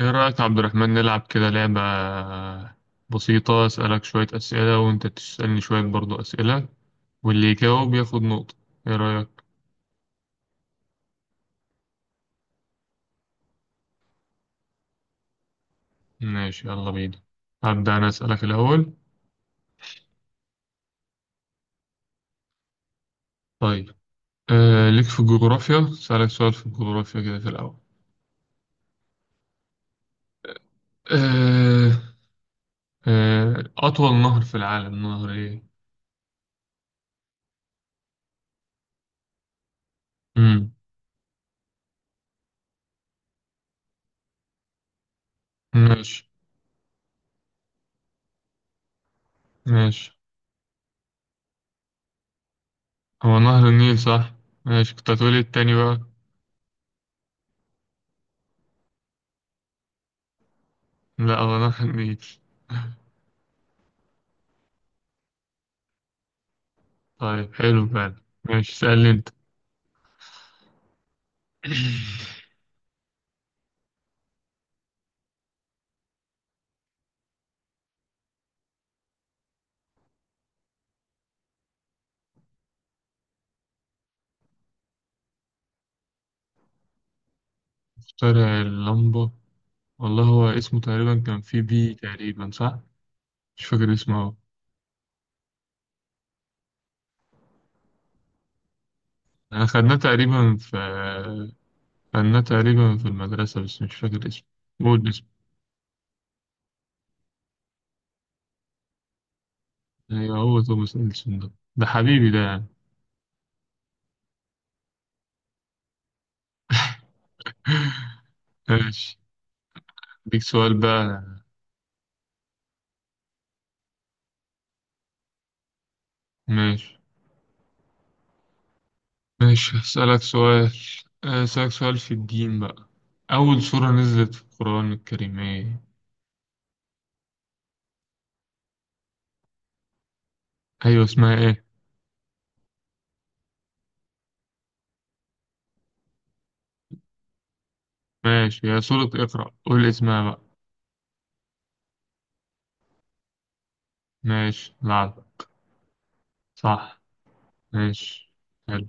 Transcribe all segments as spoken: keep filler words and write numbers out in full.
ايه رأيك يا عبد الرحمن، نلعب كده لعبة بسيطة؟ أسألك شوية أسئلة وأنت تسألني شوية برضو أسئلة، واللي يجاوب ياخد نقطة. ايه رأيك؟ ماشي، يلا بينا. هبدأ أنا أسألك الأول. طيب. آه ليك في الجغرافيا، أسألك سؤال في الجغرافيا كده في الأول. آه آه أطول نهر في العالم نهر إيه؟ مم. ماشي. ماشي، هو نهر النيل صح؟ ماشي، كنت هتقولي التاني بقى. لا، هو نهر النيل. طيب، حلو فعلا. ماشي، اسألني أنت. شارع اللمبة، والله هو اسمه تقريبا كان في بي تقريبا صح؟ مش فاكر اسمه أوي. أنا خدناه تقريبا في خدناه تقريبا في المدرسة بس مش فاكر اسمه. قول اسمه. أيوه، هو توماس إديسون ده، ده حبيبي ده يعني. ماشي، أديك سؤال بقى. ماشي. ماشي، هسألك سؤال هسألك سؤال في الدين بقى. أول سورة نزلت في القرآن الكريم إيه؟ أيوه، اسمها إيه؟ ماشي، هي سورة اقرأ، قول اسمها بقى. ماشي، العب. صح. ماشي، حلو.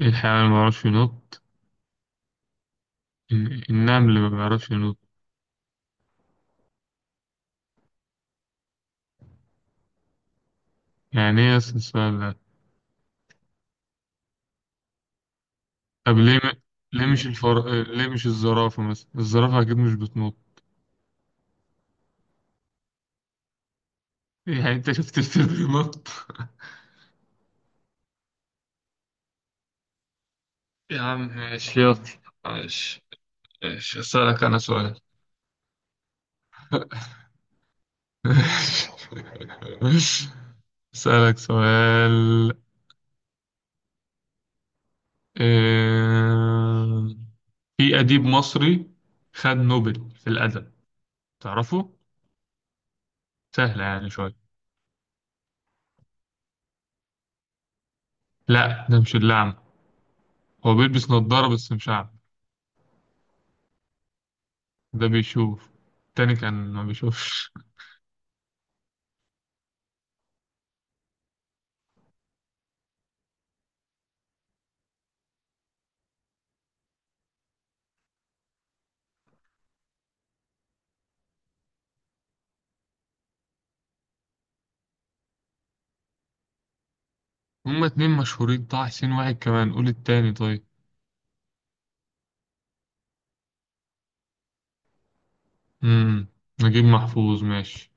ايه الحيوان اللي ما بيعرفش ينط؟ الن- النمل اللي ما بيعرفش ينط. يعني ايه اصل السؤال ده؟ طب ليه م... ليه مش الفر... ليه مش الزرافة مثلا؟ الزرافة اكيد مش بتنط. يعني انت شفت الفيلم ينط؟ يا عم ماشي، يلا. ماشي. ماشي، اسألك انا سؤال. اسألك سؤال. آه، في أديب مصري خد نوبل في الأدب، تعرفه؟ سهلة يعني شوية. لا، ده مش الأعمى. هو بيلبس نضارة بس مش أعمى. ده بيشوف، التاني كان ما بيشوفش. هما اتنين مشهورين، طه حسين واحد، كمان قول التاني طيب. امم، نجيب محفوظ. ماشي،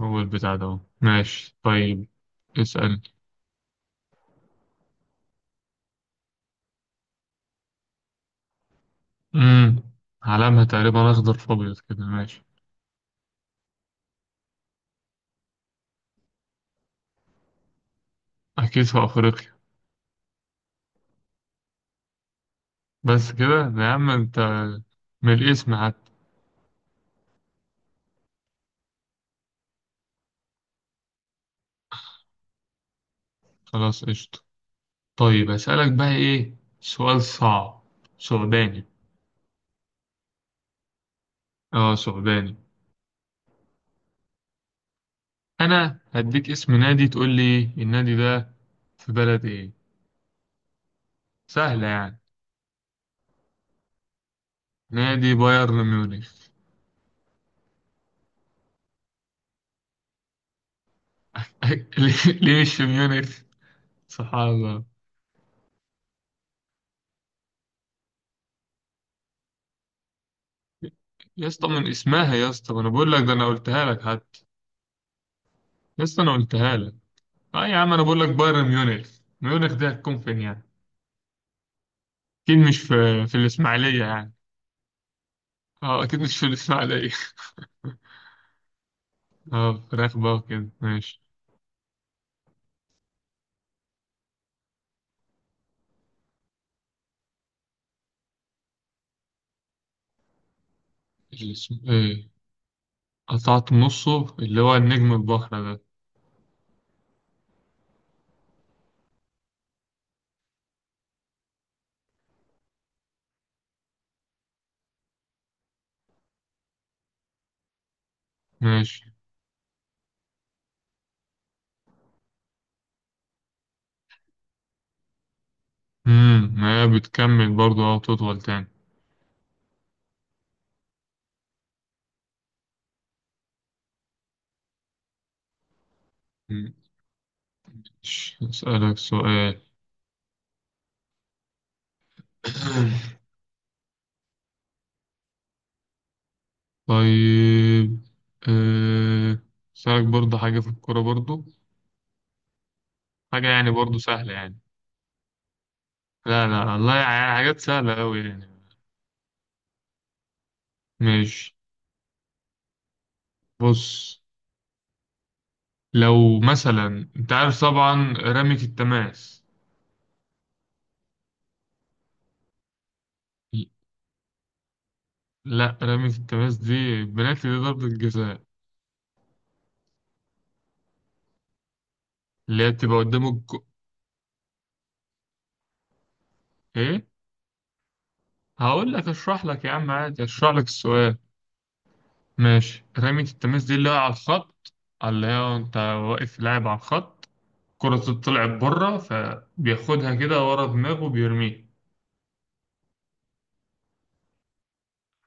هو البتاع ده اهو. ماشي طيب، اسأل. امم، علامها تقريبا أخضر في أبيض كده، ماشي. أكيد في أفريقيا. بس كده ده يا عم أنت، من الاسم حتى. خلاص قشطة. طيب أسألك بقى إيه، سؤال صعب، ثعباني. اه ثعباني. انا هديك اسم نادي، تقول لي النادي ده في بلد ايه. سهلة يعني. نادي بايرن ميونخ. ليه ليه مش في ميونخ؟ سبحان الله. يا اسطى من اسمها، يا اسطى، ما انا بقول لك ده، انا قلتها لك حتى. يا اسطى انا قلتها لك. اه يا عم انا بقول لك بايرن ميونخ. ميونخ دي هتكون فين يعني؟ اكيد مش في في الاسماعيلية يعني. اه اكيد مش في الاسماعيلية. اه، فراخ بقى وكده، ماشي. الاسم ايه؟ قطعت نصه، اللي هو النجم البحر ده. ماشي. امم، هي بتكمل برضو أو تطول تاني. مم. ش- أسألك سؤال. طيب. آه، أسألك برضو حاجة في الكورة برضو. حاجة يعني برضو سهلة يعني. لا لا والله يعني حاجات سهلة أوي يعني. ماشي. بص، لو مثلا أنت عارف طبعا رمية التماس. لا، رمية التماس دي بنالتي، دي ضربة الجزاء اللي هي بتبقى قدام الجو. إيه؟ هقول لك، أشرح لك يا عم، عادي أشرح لك السؤال. ماشي، رمية التماس دي اللي هي على الخط. اللي هي انت واقف لاعب على الخط، الكرة طلعت بره فبياخدها كده ورا دماغه وبيرميها.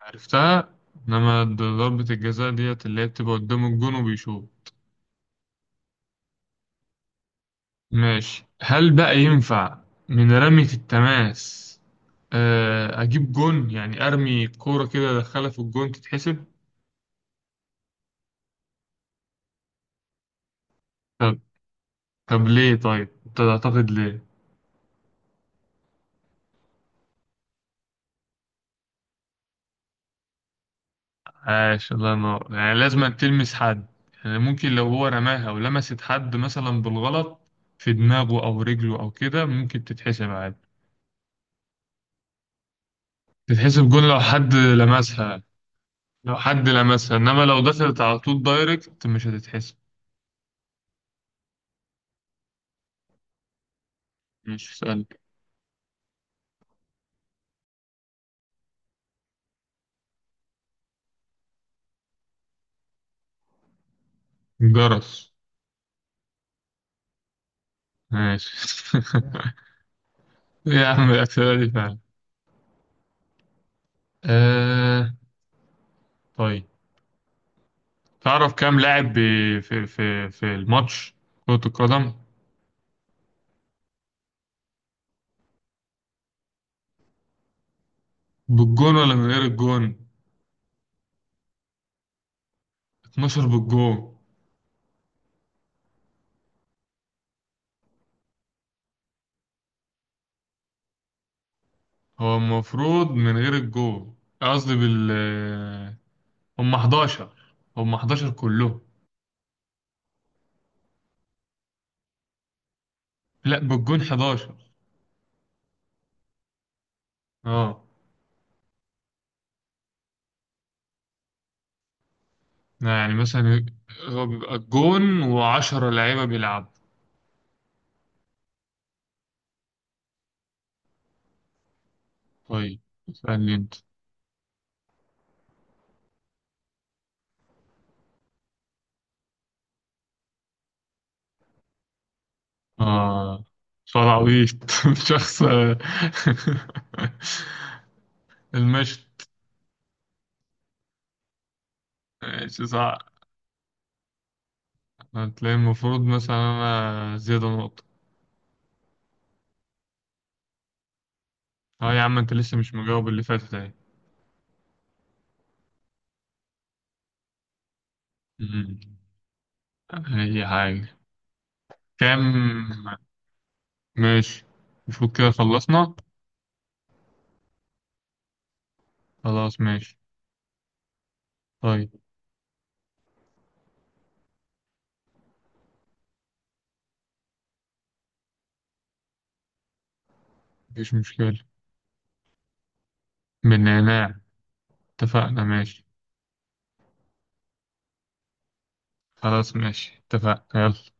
عرفتها. انما د- ضربة الجزاء ديت اللي هي بتبقى قدام الجون وبيشوط. ماشي، هل بقى ينفع من رمية التماس آه، اجيب جون؟ يعني ارمي كورة كده ادخلها في الجون، تتحسب؟ طب طب ليه، طيب انت تعتقد ليه؟ عاش، الله ينور، يعني لازم تلمس حد. يعني ممكن لو هو رماها ولمست حد مثلا بالغلط في دماغه أو رجله أو كده ممكن تتحسب عادي. تتحسب جول لو حد لمسها. لو حد لمسها إنما لو دخلت على طول دايركت مش هتتحسب. مش سؤال، جرس. ماشي. يا عم الأسئلة دي فعلا. آه. طيب، تعرف كام لاعب ب- في في في الماتش، كرة القدم؟ بالجون ولا من غير الجون؟ اثنا عشر بالجون. هو المفروض من غير الجول، قصدي بال، هم حداشر، هم حداشر كلهم. لا، بالجون حداشر. اه، يعني مثلا هو بيبقى الجون و10 لعيبة بيلعبوا. طيب اسألني انت. اه، صراويط شخص، المشط. ماشي صح. هتلاقي المفروض مثلا انا زيادة نقطة. اه يا عم انت لسه مش مجاوب اللي فاتت اهي. مم. اي حاجة، كام؟ ماشي، نشوف كده خلصنا. خلاص ماشي. طيب، مفيش مشكلة. بالنعناع. اتفقنا ماشي. خلاص ماشي، اتفقنا، يلا.